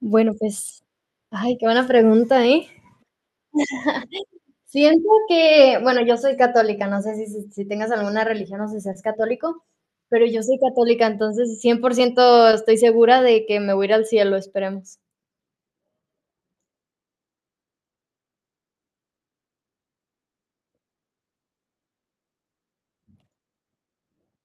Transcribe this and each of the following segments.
Bueno, pues, ay, qué buena pregunta, ¿eh? Siento que, bueno, yo soy católica, no sé si tengas alguna religión o si seas católico, pero yo soy católica, entonces 100% estoy segura de que me voy a ir al cielo, esperemos.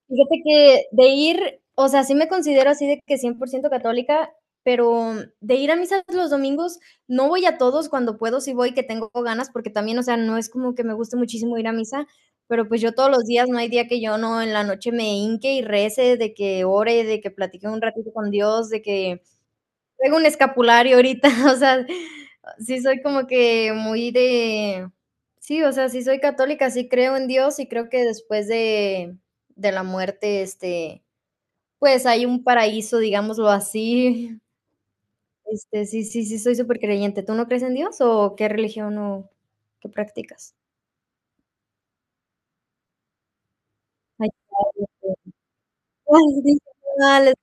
Fíjate que de ir, o sea, sí me considero así de que 100% católica, pero de ir a misas los domingos, no voy a todos, cuando puedo sí voy, que tengo ganas, porque también, o sea, no es como que me guste muchísimo ir a misa, pero pues yo todos los días, no hay día que yo no en la noche me hinque y rece, de que ore, de que platique un ratito con Dios, de que traigo un escapulario ahorita, o sea, sí soy como que muy de, sí, o sea, sí soy católica, sí creo en Dios y creo que después de la muerte, pues hay un paraíso, digámoslo así. Sí, sí, sí, soy súper creyente. ¿Tú no crees en Dios o qué religión o qué practicas? Ay, ay, sí, vale.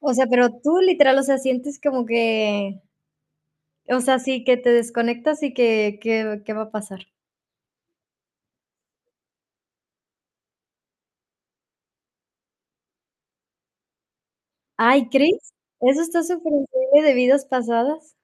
O sea, pero tú literal, o sea, sientes como que, o sea, sí, que te desconectas y que ¿qué va a pasar? Ay, ¿crees? Eso está superincreíble de vidas pasadas.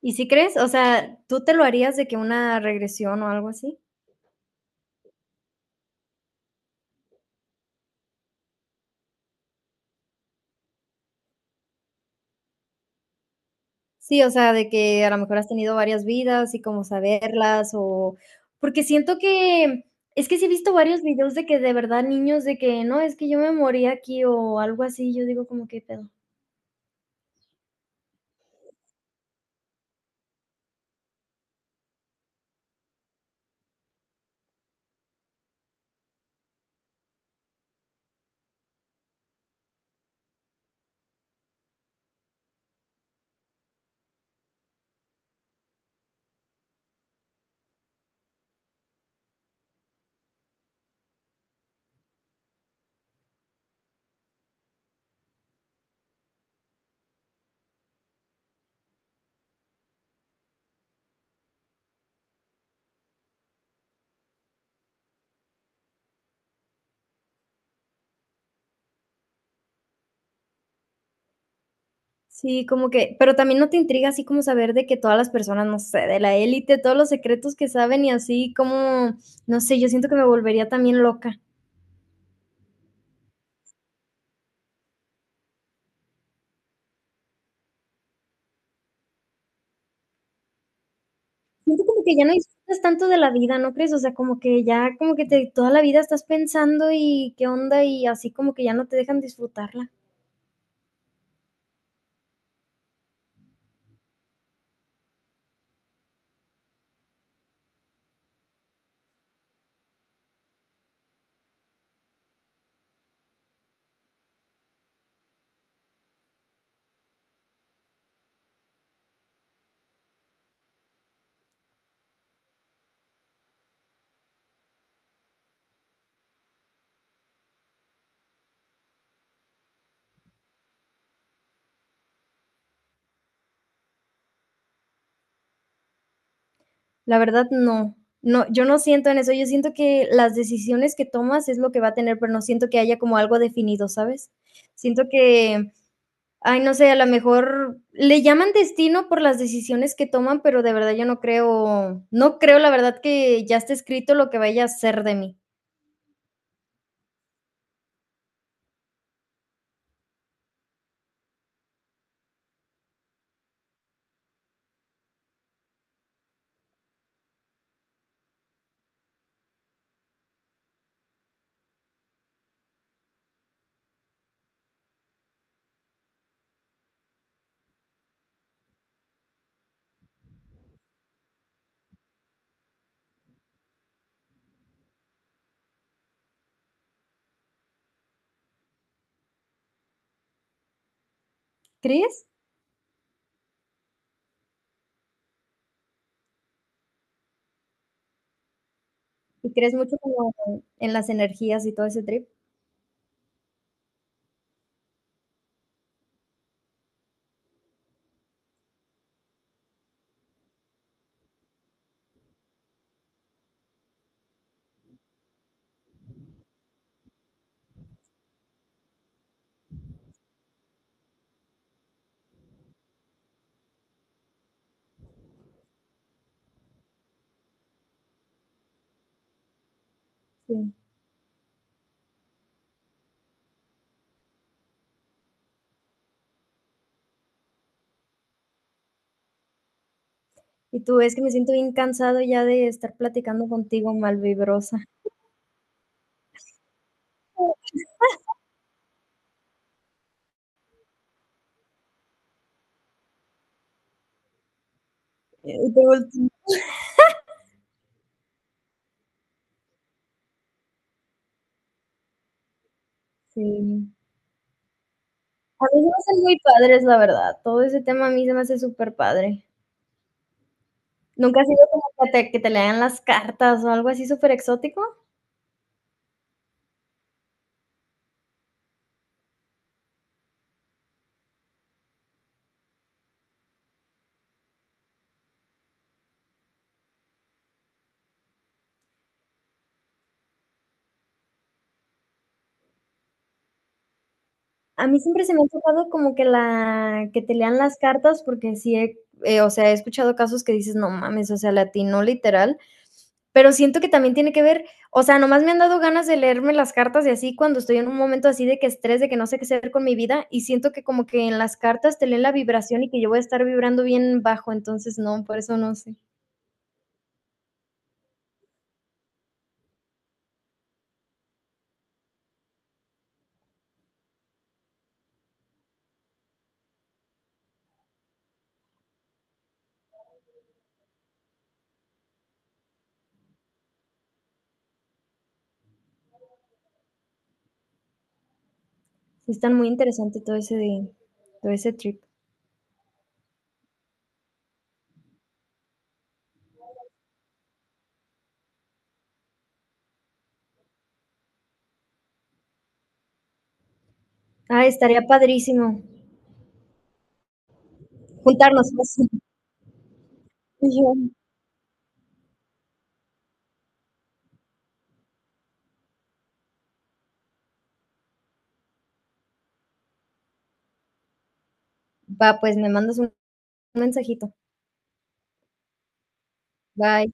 ¿Y si crees? O sea, ¿tú te lo harías de que una regresión o algo así? Sí, o sea, de que a lo mejor has tenido varias vidas y como saberlas o porque siento que es que sí he visto varios videos de que de verdad niños de que: "No, es que yo me morí aquí", o algo así, yo digo como: "que pedo?". Sí, como que pero también no te intriga así como saber de que todas las personas, no sé, de la élite, todos los secretos que saben y así como, no sé, yo siento que me volvería también loca. Siento como que ya no disfrutas tanto de la vida, ¿no crees? O sea, como que ya, como que te, toda la vida estás pensando y qué onda y así como que ya no te dejan disfrutarla. La verdad, no. No, yo no siento en eso, yo siento que las decisiones que tomas es lo que va a tener, pero no siento que haya como algo definido, ¿sabes? Siento que, ay, no sé, a lo mejor le llaman destino por las decisiones que toman, pero de verdad yo no creo, no creo la verdad que ya esté escrito lo que vaya a ser de mí. ¿Crees? Y crees mucho como en las energías y todo ese trip. Sí. Y tú ves que me siento bien cansado ya de estar platicando contigo malvibrosa. Y te volteo. Sí. A mí se me hacen muy padres, la verdad. Todo ese tema a mí se me hace súper padre. ¿Nunca ha sido como que que te lean las cartas o algo así súper exótico? A mí siempre se me ha tocado como que la que te lean las cartas, porque sí o sea, he escuchado casos que dices, no mames, o sea, le atinó literal, pero siento que también tiene que ver, o sea, nomás me han dado ganas de leerme las cartas y así cuando estoy en un momento así de que estrés, de que no sé qué hacer con mi vida, y siento que como que en las cartas te leen la vibración y que yo voy a estar vibrando bien bajo, entonces no, por eso no sé. Sí están muy interesante todo ese de, todo ese trip. Ah, estaría padrísimo juntarnos. Pues. Va, pues me mandas un mensajito. Bye.